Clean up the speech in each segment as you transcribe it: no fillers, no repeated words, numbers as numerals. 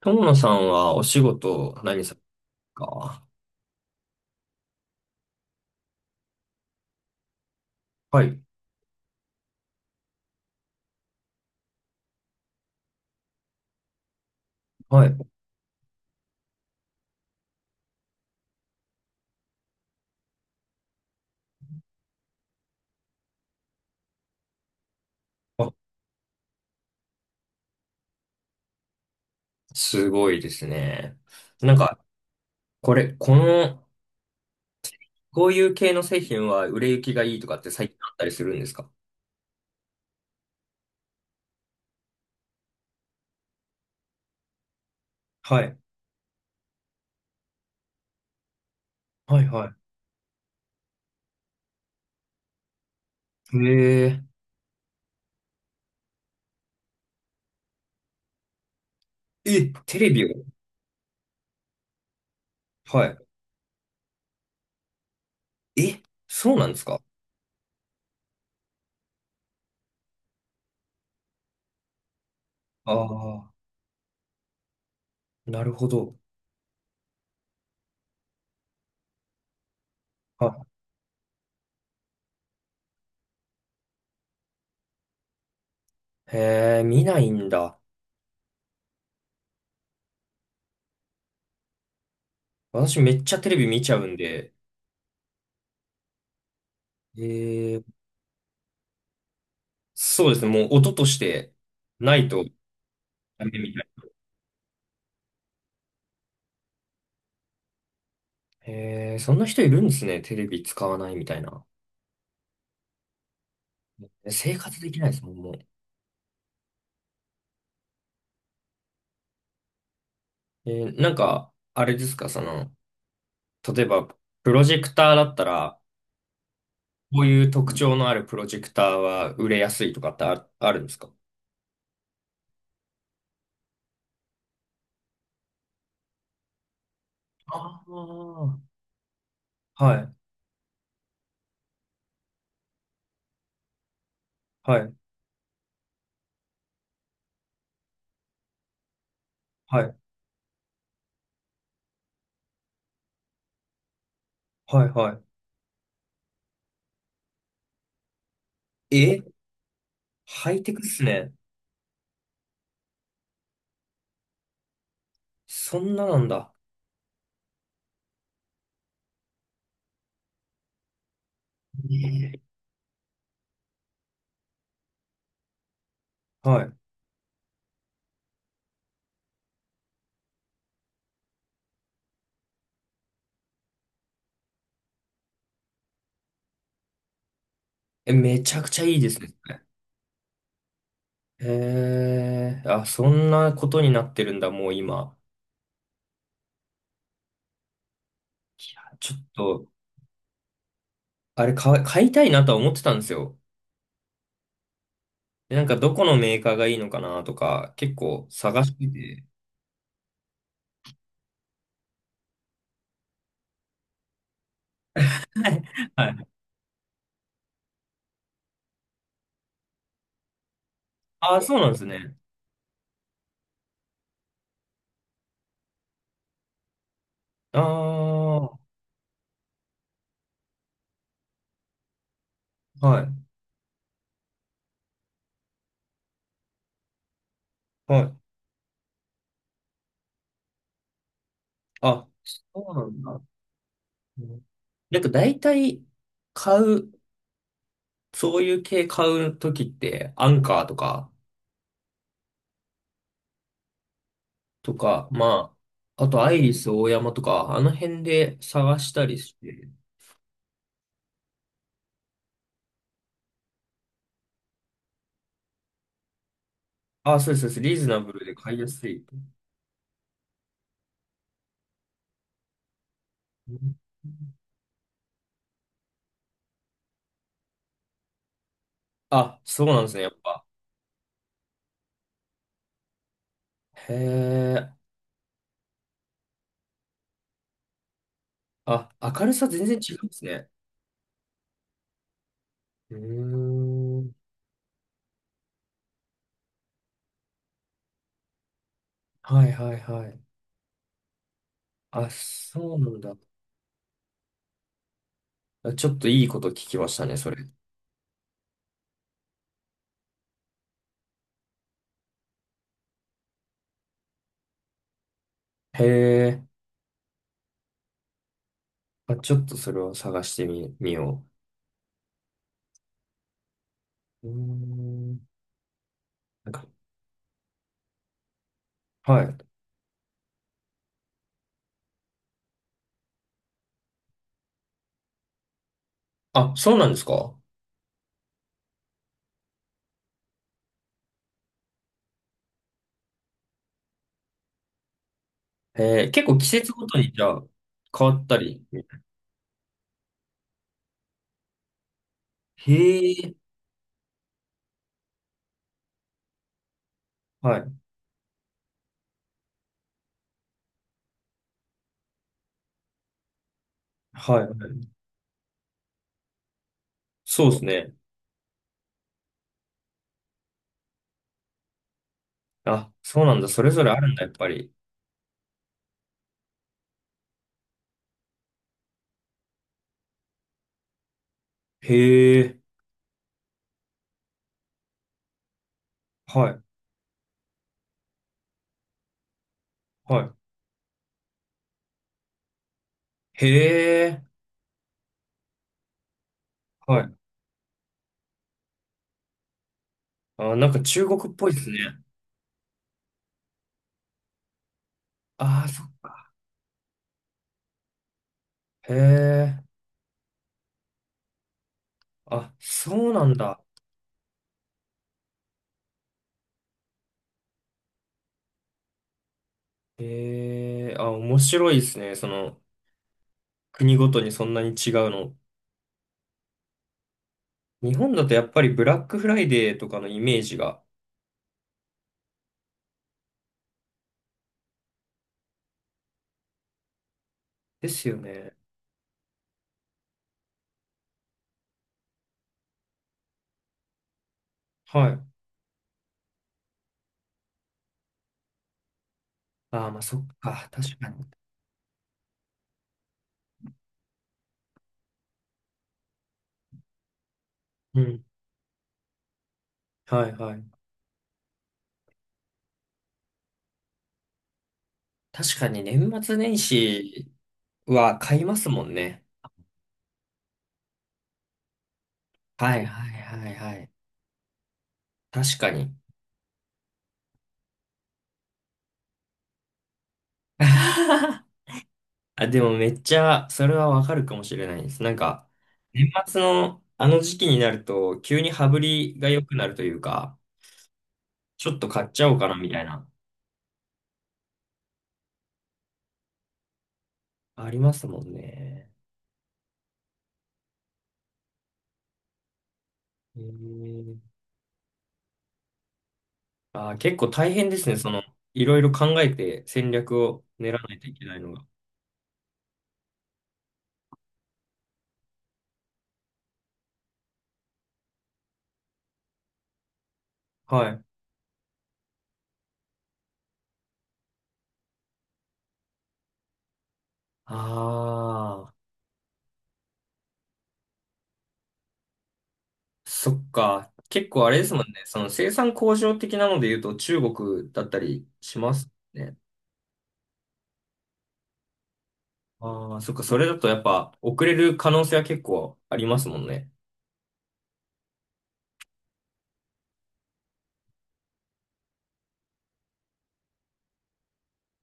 友野さんはお仕事何されますか？はい。はい。あ、すごいですね。なんか、これ、この、こういう系の製品は売れ行きがいいとかって最近あったりするんですか？はい。はい、はい。へえー。え、テレビを？はい。え、そうなんですか？ああー、なるほど。あ、へえ、見ないんだ。私めっちゃテレビ見ちゃうんで、ええ、そうですね。もう音としてないとダメみたいな。えー、そんな人いるんですね。テレビ使わないみたいな。生活できないですもん、もう。えー、あれですか、例えば、プロジェクターだったら、こういう特徴のあるプロジェクターは売れやすいとかってあるんですか？ああー、はい、はい、はい、はい、はい。え、ハイテクっすね。そんななんだ。えー、はい。え、めちゃくちゃいいですね。えー、あ、そんなことになってるんだ、もう今。ちょっと、あれ買い、買いたいなとは思ってたんですよ。で、なんかどこのメーカーがいいのかなとか、結構探してて。はい。ああ、そうなんですね。ああ、はい、はい。あ、そうなんだ。うん、なんか大体買う、そういう系買うときって、アンカーとか、とか、まあ、あとアイリスオーヤマとか、あの辺で探したりして。ああ、そうです、そうです。リーズナブルで買いやすい。うん。あ、そうなんですね、やっぱ。へえ。あ、明るさ全然違うんですね。うーん。はいはいはい。あ、そうなんだ。あ、ちょっといいこと聞きましたね、それ。へえ。あ、ちょっとそれを探してみ、みよう。うーん。なんか、はい。あ、そうなんですか？へえ、結構季節ごとにじゃあ変わったり。へえ。はい。はい。そうですね。あ、そうなんだ。それぞれあるんだ、やっぱり。へえ。はい。はい。へえ。はい。あ、なんか中国っぽいですね。ああ、そっか。へえ。あ、そうなんだ。へえ。あ、面白いですね。その、国ごとにそんなに違うの。日本だとやっぱりブラックフライデーとかのイメージが。ですよね。はい。ああ、まあそっか。確かに。うん。はいはい。確かに年末年始は買いますもんね。はいはいはいはい。確かに。あ、でもめっちゃ、それはわかるかもしれないです。なんか、年末のあの時期になると、急に羽振りが良くなるというか、ちょっと買っちゃおうかなみたいな、ありますもんね。えー、あー、結構大変ですね。その、いろいろ考えて戦略を練らないといけないのが。はい。ああ、そっか。結構あれですもんね。その生産工場的なので言うと中国だったりしますね。ああ、そっか、それだとやっぱ遅れる可能性は結構ありますもんね。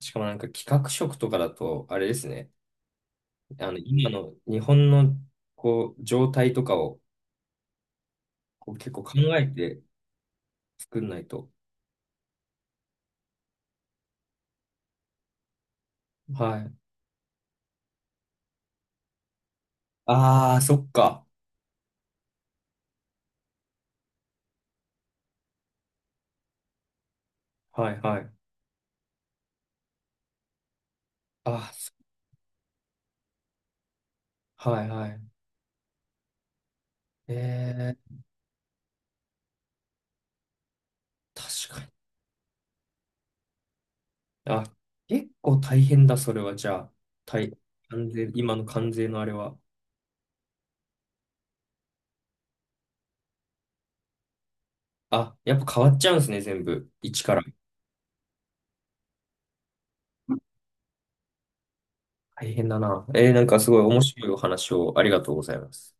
しかもなんか企画職とかだと、あれですね。あの、今の日本のこう、状態とかをこう結構考えて作んないと。はい。ああ、そっか。はいはい。ああ、そ、はいはい。ええ、確かに。あ、結構大変だ、それは。じゃあ、大関税、今の関税のあれは。あ、やっぱ変わっちゃうんですね、全部。一から。大変だな。えー、なんかすごい面白いお話をありがとうございます。